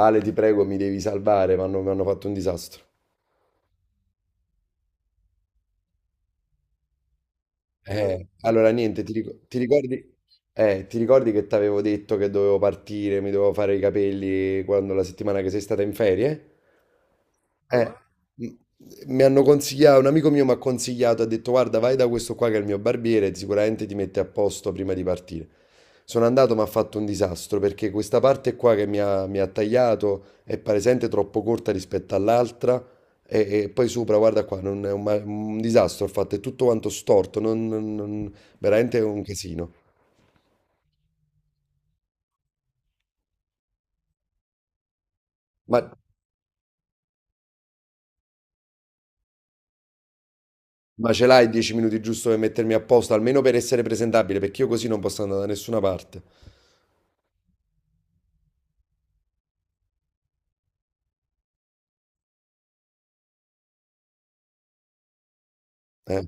Ale, ti prego, mi devi salvare, mi hanno fatto un disastro. Allora, niente, ti ricordi, ti ricordi che ti avevo detto che dovevo partire, mi dovevo fare i capelli quando la settimana che sei stata in ferie? Eh, m- Mi hanno consigliato, un amico mio mi ha consigliato, ha detto guarda vai da questo qua che è il mio barbiere, sicuramente ti mette a posto prima di partire. Sono andato, ma ha fatto un disastro perché questa parte qua che mi ha tagliato è palesemente troppo corta rispetto all'altra e, poi sopra, guarda qua, non è un, ma- un disastro, ho fatto è tutto quanto storto, veramente è un casino. Ma, ma ce l'hai 10 minuti giusto per mettermi a posto, almeno per essere presentabile, perché io così non posso andare da nessuna parte. Eh.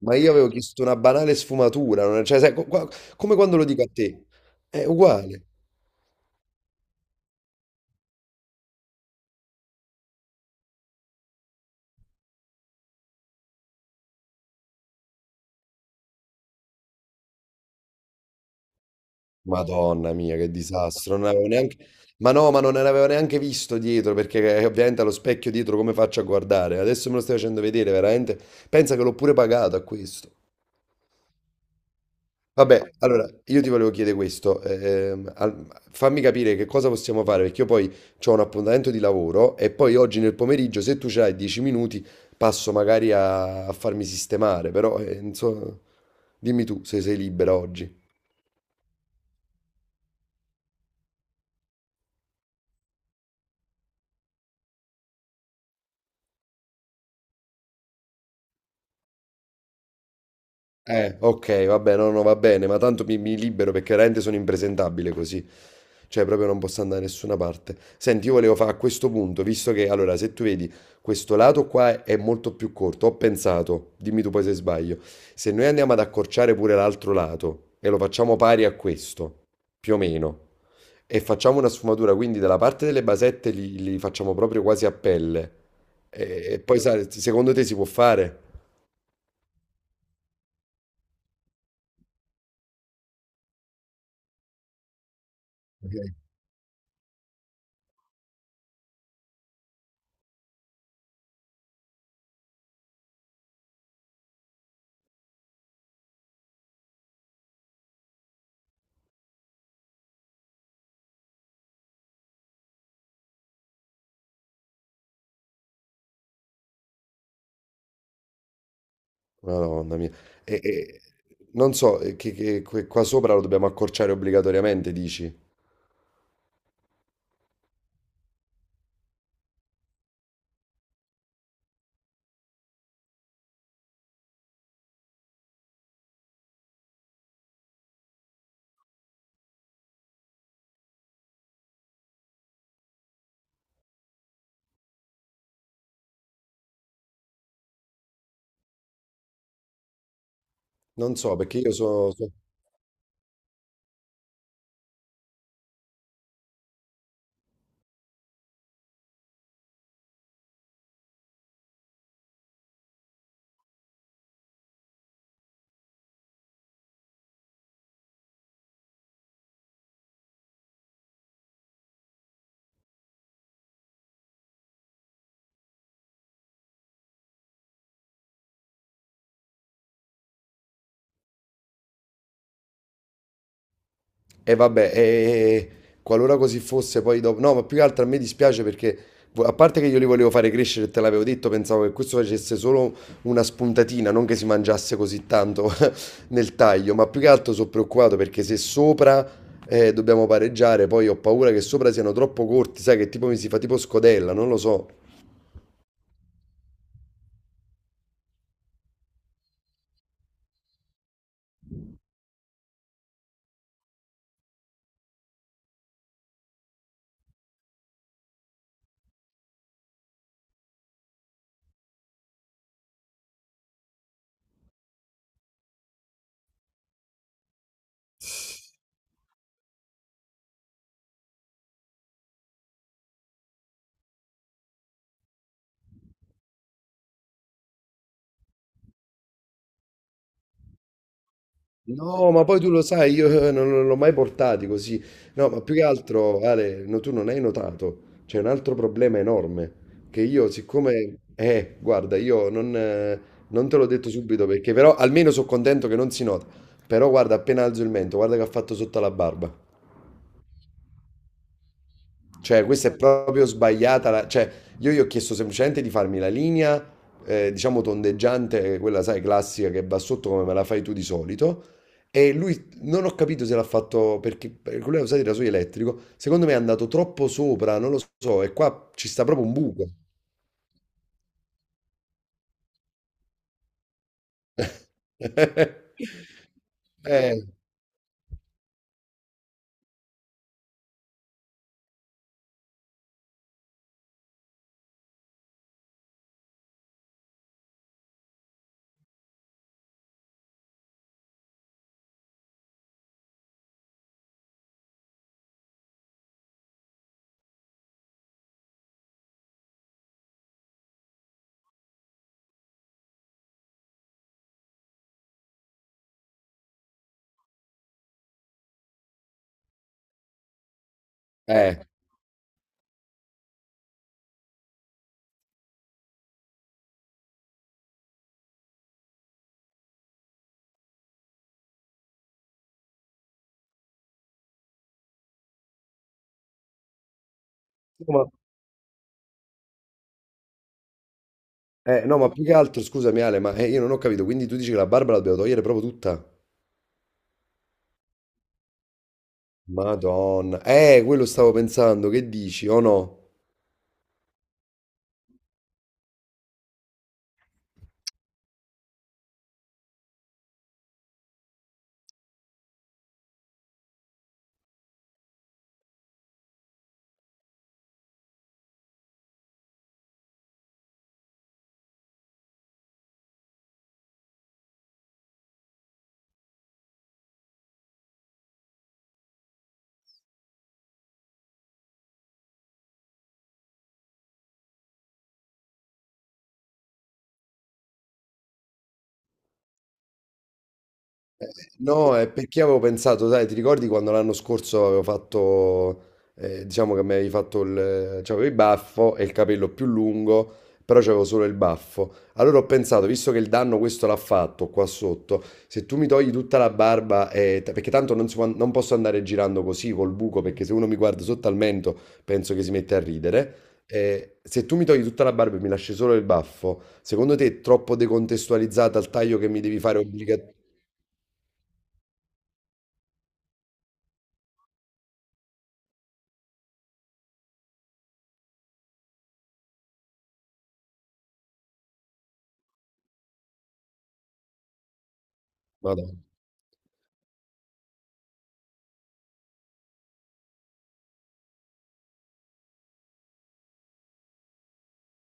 Ma io avevo chiesto una banale sfumatura, cioè, sai, come quando lo dico a te, è uguale. Madonna mia, che disastro, non avevo neanche... Ma no, ma non ne avevo neanche visto dietro, perché ovviamente allo specchio dietro come faccio a guardare? Adesso me lo stai facendo vedere, veramente. Pensa che l'ho pure pagato a questo. Vabbè, allora io ti volevo chiedere questo, fammi capire che cosa possiamo fare, perché io poi ho un appuntamento di lavoro e poi oggi nel pomeriggio, se tu c'hai 10 minuti, passo magari a, farmi sistemare, però non so, dimmi tu se sei libera oggi. Ok, vabbè, no, no, va bene, ma tanto mi libero perché veramente sono impresentabile così. Cioè, proprio non posso andare da nessuna parte. Senti, io volevo fare a questo punto, visto che, allora, se tu vedi, questo lato qua è molto più corto, ho pensato, dimmi tu poi se sbaglio, se noi andiamo ad accorciare pure l'altro lato e lo facciamo pari a questo, più o meno, e facciamo una sfumatura, quindi dalla parte delle basette li facciamo proprio quasi a pelle, e, poi, sai, secondo te si può fare? Madonna mia. E, e- non so, qua sopra lo dobbiamo accorciare obbligatoriamente, dici? Non so, perché io sono... E vabbè, e, qualora così fosse, poi dopo... No, ma più che altro a me dispiace perché, a parte che io li volevo fare crescere, e te l'avevo detto, pensavo che questo facesse solo una spuntatina, non che si mangiasse così tanto nel taglio, ma più che altro sono preoccupato perché se sopra... dobbiamo pareggiare, poi ho paura che sopra siano troppo corti, sai che tipo mi si fa tipo scodella, non lo so. No, ma poi tu lo sai, io non l'ho mai portati così. No, ma più che altro, Ale, no, tu non hai notato, c'è un altro problema enorme, che io siccome... guarda, io non, non te l'ho detto subito perché però almeno sono contento che non si nota. Però guarda, appena alzo il mento, guarda che ha fatto sotto alla barba. Cioè, questa è proprio sbagliata. Cioè, io gli ho chiesto semplicemente di farmi la linea, diciamo tondeggiante, quella, sai, classica che va sotto come me la fai tu di solito. E lui non ho capito se l'ha fatto perché lui ha usato il rasoio elettrico. Secondo me è andato troppo sopra, non lo so. E qua ci sta proprio un buco. Eh, eh. No, ma- no, ma più che altro, scusami Ale, io non ho capito. Quindi tu dici che la barba la dobbiamo togliere proprio tutta? Madonna. Quello stavo pensando, che dici, o no? No, è perché avevo pensato, sai, ti ricordi quando l'anno scorso avevo fatto, diciamo che mi avevi fatto c'avevo il baffo e il capello più lungo, però c'avevo solo il baffo. Allora ho pensato, visto che il danno questo l'ha fatto qua sotto, se tu mi togli tutta la barba, perché tanto non, si può- non posso andare girando così col buco, perché se uno mi guarda sotto al mento penso che si mette a ridere. Se tu mi togli tutta la barba e mi lasci solo il baffo, secondo te è troppo decontestualizzata al taglio che mi devi fare obbligatoriamente?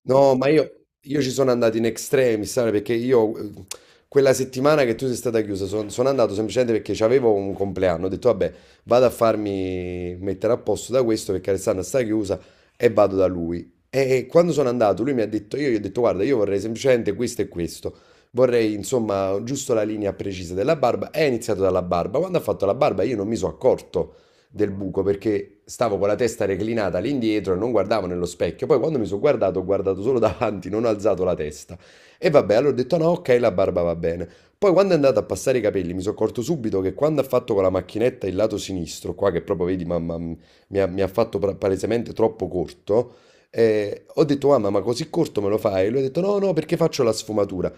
No, ma io ci sono andato in extremis, sai, perché io quella settimana che tu sei stata chiusa sono andato semplicemente perché avevo un compleanno, ho detto vabbè, vado a farmi mettere a posto da questo perché Alessandra sta chiusa e vado da lui. E quando sono andato lui mi ha detto, io gli ho detto guarda, io vorrei semplicemente questo e questo, vorrei insomma giusto la linea precisa della barba e ha iniziato dalla barba. Quando ha fatto la barba io non mi sono accorto del buco perché stavo con la testa reclinata all'indietro e non guardavo nello specchio. Poi quando mi sono guardato, ho guardato solo davanti, non ho alzato la testa. E vabbè, allora ho detto no, ok, la barba va bene. Poi quando è andato a passare i capelli mi sono accorto subito che quando ha fatto con la macchinetta il lato sinistro, qua che proprio vedi, mamma, mi ha fatto palesemente troppo corto, ho detto mamma ma così corto me lo fai? E lui ha detto no no perché faccio la sfumatura.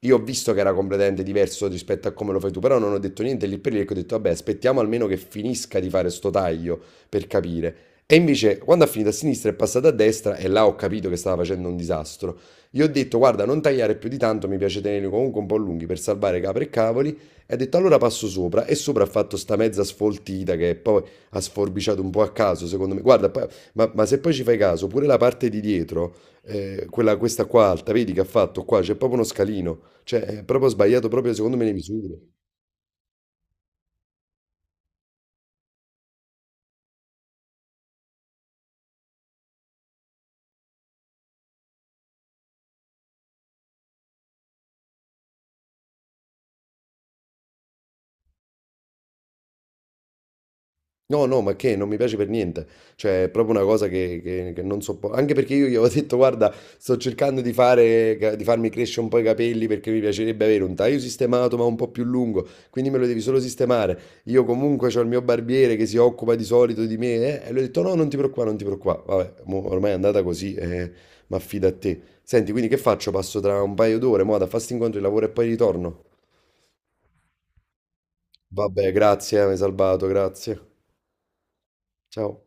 Io ho visto che era completamente diverso rispetto a come lo fai tu, però non ho detto niente lì per lì, perché ho detto, vabbè, aspettiamo almeno che finisca di fare sto taglio per capire. E invece, quando ha finito a sinistra è passata a destra e là ho capito che stava facendo un disastro. Gli ho detto, guarda, non tagliare più di tanto, mi piace tenerli comunque un po' lunghi per salvare capre e cavoli. E ha detto, allora passo sopra. E sopra ha fatto sta mezza sfoltita che poi ha sforbiciato un po' a caso, secondo me. Guarda, ma, se poi ci fai caso, pure la parte di dietro quella, questa qua alta, vedi che ha fatto qua, c'è proprio uno scalino, cioè è proprio sbagliato proprio secondo me le misure. No, no, ma che non mi piace per niente. Cioè, è proprio una cosa che non sopporto. Anche perché io gli avevo detto, guarda, sto cercando di farmi crescere un po' i capelli perché mi piacerebbe avere un taglio sistemato ma un po' più lungo. Quindi me lo devi solo sistemare. Io comunque ho il mio barbiere che si occupa di solito di me. Eh, e lui ha detto, no, non ti preoccupare, non ti preoccupare. Vabbè, mo ormai è andata così, ma affida a te. Senti, quindi che faccio? Passo tra un paio d'ore, mo, da fare sti incontri, di lavoro e poi ritorno. Vabbè, grazie, mi hai salvato, grazie. Ciao.